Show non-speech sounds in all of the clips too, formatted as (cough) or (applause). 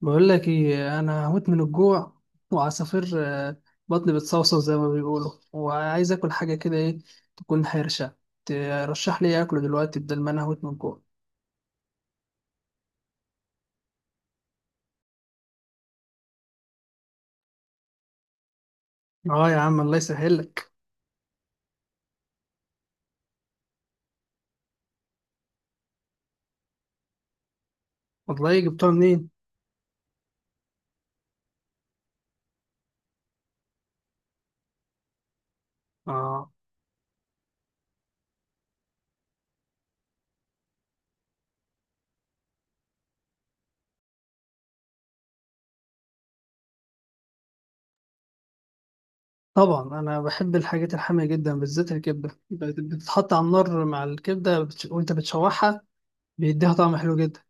بقول لك ايه، انا هموت من الجوع وعصافير، بطني بتصوصو زي ما بيقولوا، وعايز اكل حاجه كده، ايه تكون حرشه؟ ترشح لي إيه اكله دلوقتي، بدل ما انا هموت من الجوع؟ اه يا عم، الله يسهل لك. والله جبتها منين؟ اه طبعا، انا بحب الحاجات الحاميه جدا، بالذات الكبده، بتتحط على النار مع الكبده وانت بتشوحها، بيديها طعم حلو جدا.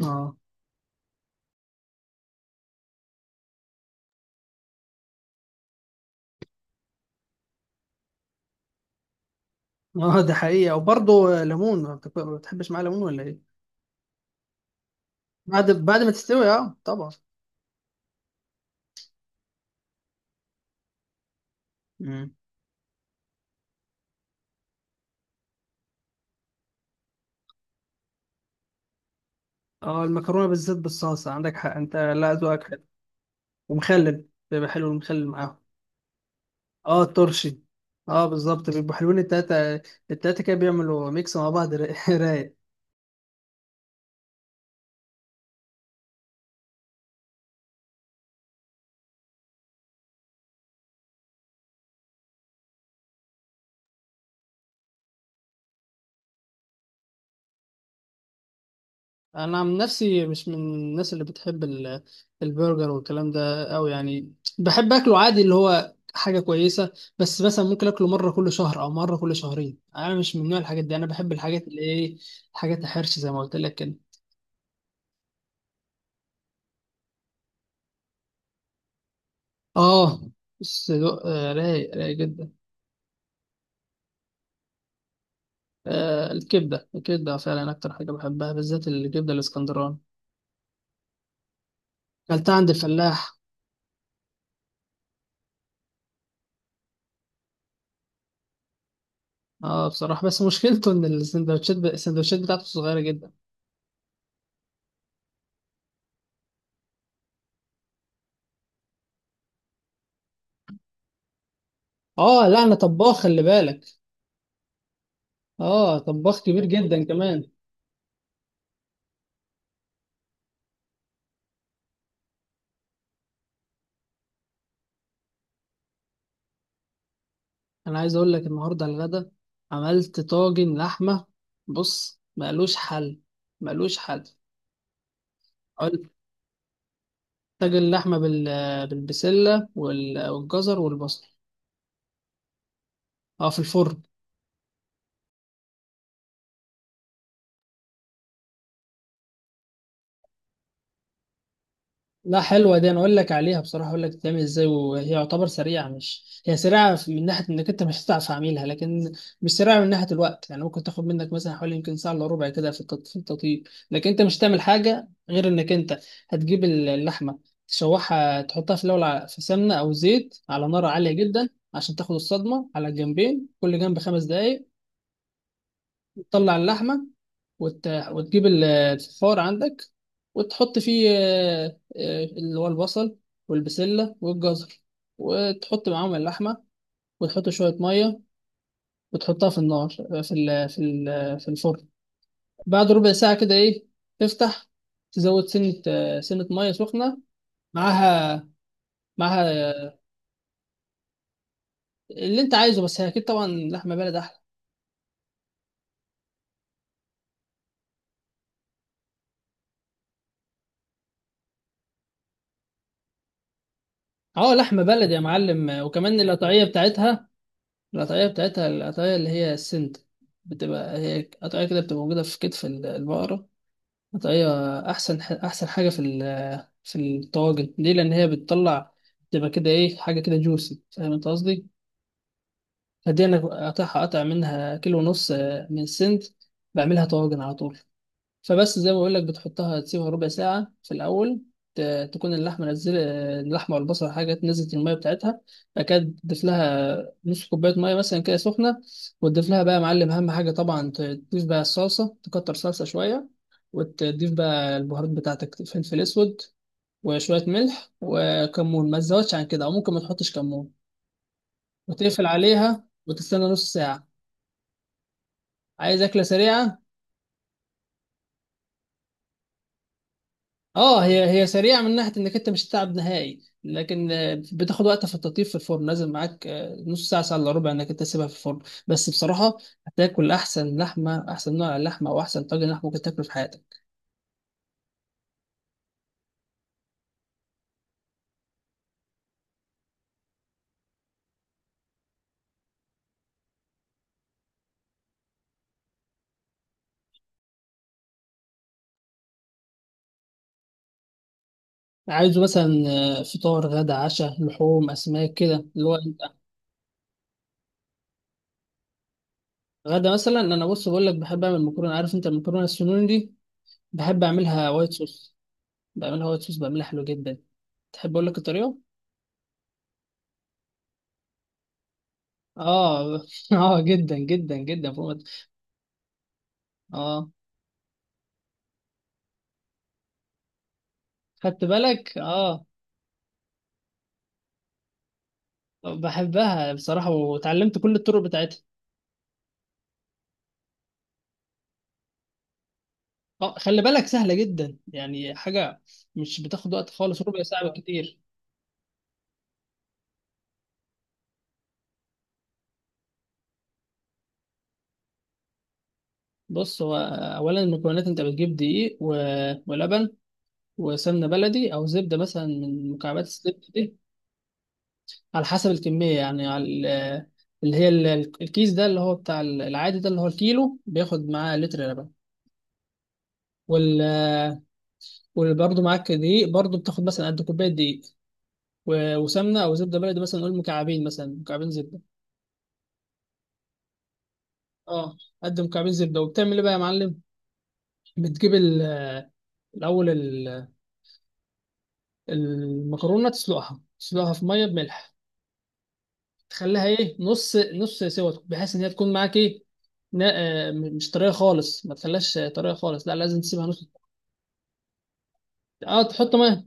اه، اه. (laughs) ده حقيقه، وبرضه ليمون، ما بتحبش معاه ليمون ولا ايه؟ بعد ما تستوي، اه طبعا. مم. اه، المكرونه بالذات بالصلصه، عندك حق انت، لا ذوقك حلو. ومخلل، بيبقى حلو المخلل معاهم. اه، الترشي. اه بالظبط، بيبقوا حلوين التلاته. التلاته كده بيعملوا ميكس مع بعض، (laughs) رايق. انا عن نفسي مش من الناس اللي بتحب البرجر والكلام ده، او يعني بحب اكله عادي اللي هو حاجه كويسه، بس مثلا ممكن اكله مره كل شهر او مره كل شهرين، انا مش من نوع الحاجات دي، انا بحب الحاجات اللي ايه، الحاجات الحرش زي ما قلت لك كده. اه الصدق، رايق رايق جدا. آه، الكبدة الكبدة فعلا أكتر حاجة بحبها، بالذات الكبدة الإسكندراني، أكلتها عند الفلاح. اه بصراحة، بس مشكلته إن السندوتشات، السندوتشات بتاعته صغيرة جدا. اه لا، أنا طباخ، خلي بالك. اه طباخ كبير جدا كمان. أنا عايز أقول لك، النهاردة على الغدا عملت طاجن لحمة، بص مالوش حل. مالوش حل. عملت طاجن لحمة بالبسلة والجزر والبصل، اه، في الفرن. لا، حلوة دي، انا اقول لك عليها بصراحة، اقول لك بتتعمل ازاي، وهي يعتبر سريعة، مش هي سريعة من ناحية انك انت مش هتعرف اعملها، لكن مش سريعة من ناحية الوقت، يعني ممكن تاخد منك مثلا حوالي يمكن ساعة الا ربع كده في في التطيب، لكن انت مش هتعمل حاجة غير انك انت هتجيب اللحمة، تشوحها، تحطها في الاول في سمنة او زيت على نار عالية جدا، عشان تاخد الصدمة على الجنبين، كل جنب خمس دقايق. تطلع اللحمة، وتجيب الفخار عندك، وتحط فيه اللي هو البصل والبسلة والجزر، وتحط معاهم اللحمة، وتحط شوية مية، وتحطها في النار، في الفرن. بعد ربع ساعة كده إيه، تفتح، تزود سنة مية سخنة معاها. معاها، اللي أنت عايزه، بس هي أكيد طبعا لحمة بلد أحلى. أه، لحمة بلد يا معلم، وكمان القطعية بتاعتها. القطعية بتاعتها، القطعية اللي هي السنت، بتبقى هي قطعية كده، بتبقى موجودة في كتف البقرة. قطعية أحسن، أحسن حاجة في في الطواجن، ليه؟ لأن هي بتطلع تبقى كده إيه، حاجة كده جوسي، فاهم أنت قصدي؟ فدي أنا قاطعها قطع منها كيلو ونص، من السنت، بعملها طواجن على طول. فبس زي ما بقول لك، بتحطها، تسيبها ربع ساعة في الأول، تكون اللحمة نزل، اللحمة والبصل حاجة، نزلت المية بتاعتها. بعد كده تضيف لها نص كوباية مية مثلا كده سخنة، وتضيف لها بقى يا معلم، أهم حاجة طبعا، تضيف بقى الصلصة، تكتر صلصة شوية، وتضيف بقى البهارات بتاعتك، فلفل أسود وشوية ملح وكمون، ما تزودش عن كده، أو ممكن ما تحطش كمون، وتقفل عليها وتستنى نص ساعة. عايز أكلة سريعة. اه، هي سريعه من ناحيه انك انت مش هتتعب نهائي، لكن بتاخد وقت في التطيب، في الفرن لازم معاك نص ساعه، ساعه الا ربع، انك انت تسيبها في الفرن. بس بصراحه، هتاكل احسن لحمه، احسن نوع لحمه، او احسن طاجن لحمه ممكن تاكله في حياتك. عايزه مثلا فطار، غدا، عشاء، لحوم، اسماك كده اللي هو انت. غدا مثلا، انا بص بقول لك بحب اعمل مكرونه، عارف انت المكرونه السنون دي، بحب اعملها وايت صوص. بعملها وايت صوص، بعملها حلو جدا. تحب اقول لك الطريقه؟ اه. (laughs) اه، جدا جدا جدا، فوق ما- اه. خدت بالك؟ اه. بحبها بصراحة، وتعلمت كل الطرق بتاعتها. اه خلي بالك، سهلة جدا، يعني حاجة مش بتاخد وقت خالص، ربع ساعة بالكتير. بص هو، أولا المكونات، أنت بتجيب دقيق ولبن وسمنة بلدي، أو زبدة مثلا من مكعبات الزبدة دي. على حسب الكمية، يعني اللي هي الكيس ده، اللي هو بتاع العادي ده، اللي هو الكيلو، بياخد معاه لتر لبن وال وبرضه معاك دقيق، برضه بتاخد مثلا قد كوباية دقيق وسمنه او زبده بلدي، مثلا نقول مكعبين، مثلا مكعبين زبده. اه، قد مكعبين زبده. وبتعمل ايه بقى يا معلم؟ بتجيب الاول ال- المكرونه، تسلقها في ميه بملح، تخليها ايه، نص نص سوا، بحيث ان هي تكون معاك ايه، نا- مش طريه خالص، ما تخليهاش طريه خالص، لا لازم تسيبها نص. اه، تحط ميه،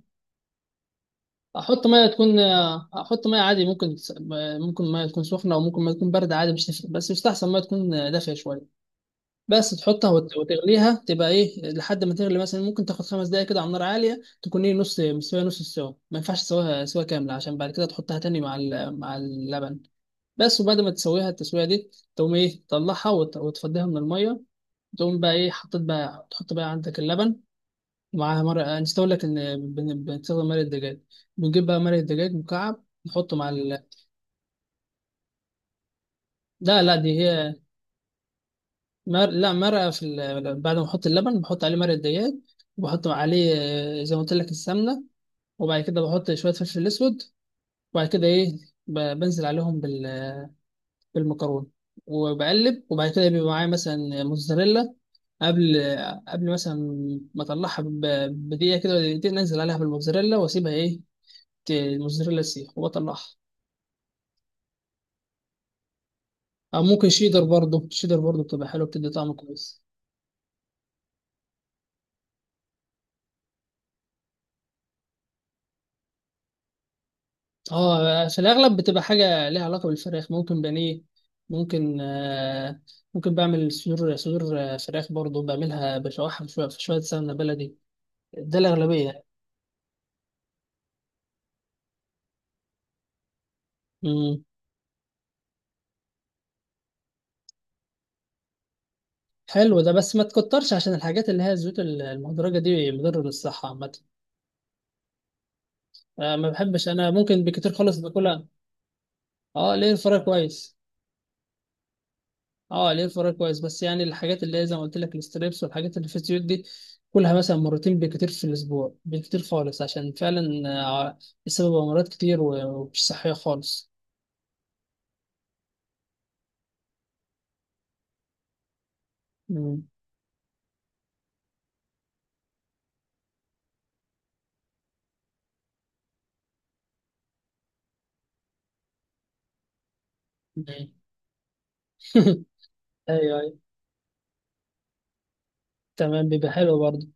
احط ميه تكون احط ميه عادي، ممكن ممكن ميه تكون سخنه، او ممكن ميه تكون بارده، عادي مش تفرق، بس يستحسن ميه تكون دافيه شويه. بس تحطها وتغليها، تبقى ايه، لحد ما تغلي، مثلا ممكن تاخد خمس دقايق كده على نار عاليه، تكون ايه، نص مستويه، نص السوا، ما ينفعش تسويها سوا كامله، عشان بعد كده تحطها تاني مع مع اللبن. بس، وبعد ما تسويها التسويه دي، تقوم ايه، تطلعها وتفضيها من الميه. تقوم بقى ايه، حطيت بقى، تحط بقى عندك اللبن ومعاها مرق، نسيت اقول لك ان بنستخدم مرق الدجاج. بنجيب بقى مرق الدجاج مكعب، نحطه مع لا لا، دي هي لا، مرقة في بعد ما احط اللبن بحط عليه مرقة دجاج، وبحط عليه زي ما قلت لك السمنة، وبعد كده بحط شوية فلفل اسود، وبعد كده ايه، بنزل عليهم بالمكرونة، وبقلب. وبعد كده بيبقى معايا مثلا موتزاريلا، قبل، قبل مثلا ما اطلعها بدقيقة كده ولا دقيقتين، انزل عليها بالموتزاريلا واسيبها ايه، الموتزاريلا تسيح وبطلعها. او ممكن شيدر برضه، شيدر برضه بتبقى حلوة، بتدي طعم كويس. اه، في الاغلب بتبقى حاجه ليها علاقه بالفراخ، ممكن بانيه، ممكن آه ممكن بعمل صدور، فراخ برضو، بعملها بشوحها شويه في شويه سمنه بلدي، ده الاغلبيه. امم. حلو ده، بس ما تكترش، عشان الحاجات اللي هي الزيوت المهدرجه دي مضره للصحه عامه. ما بحبش انا، ممكن بكتير خالص باكلها. اه ليه، الفراخ كويس. اه ليه، فراي كويس، بس يعني الحاجات اللي هي زي ما قلت لك الستريبس والحاجات اللي في الزيوت دي، كلها مثلا مرتين بالكتير في الاسبوع، بالكتير خالص، عشان فعلا آه، السبب امراض كتير، ومش صحيه خالص. مم. مم. (laughs) ايوه، ايوه. تمام، بيبقى حلو برضه.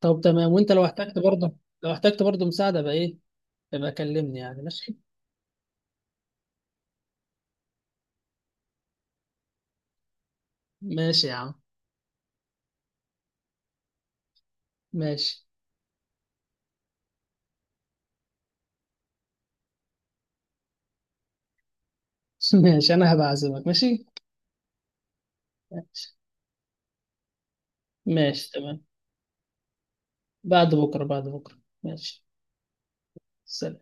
طب تمام، وانت لو احتجت برضه، لو احتجت برضه مساعده بقى ايه، يبقى كلمني، يعني ماشي. ماشي يا عم. ماشي. (laughs) ماشي، انا هبعزمك، ماشي. ماشي. ماشي، تمام. بعد بكره، بعد بكره. ماشي. سلام.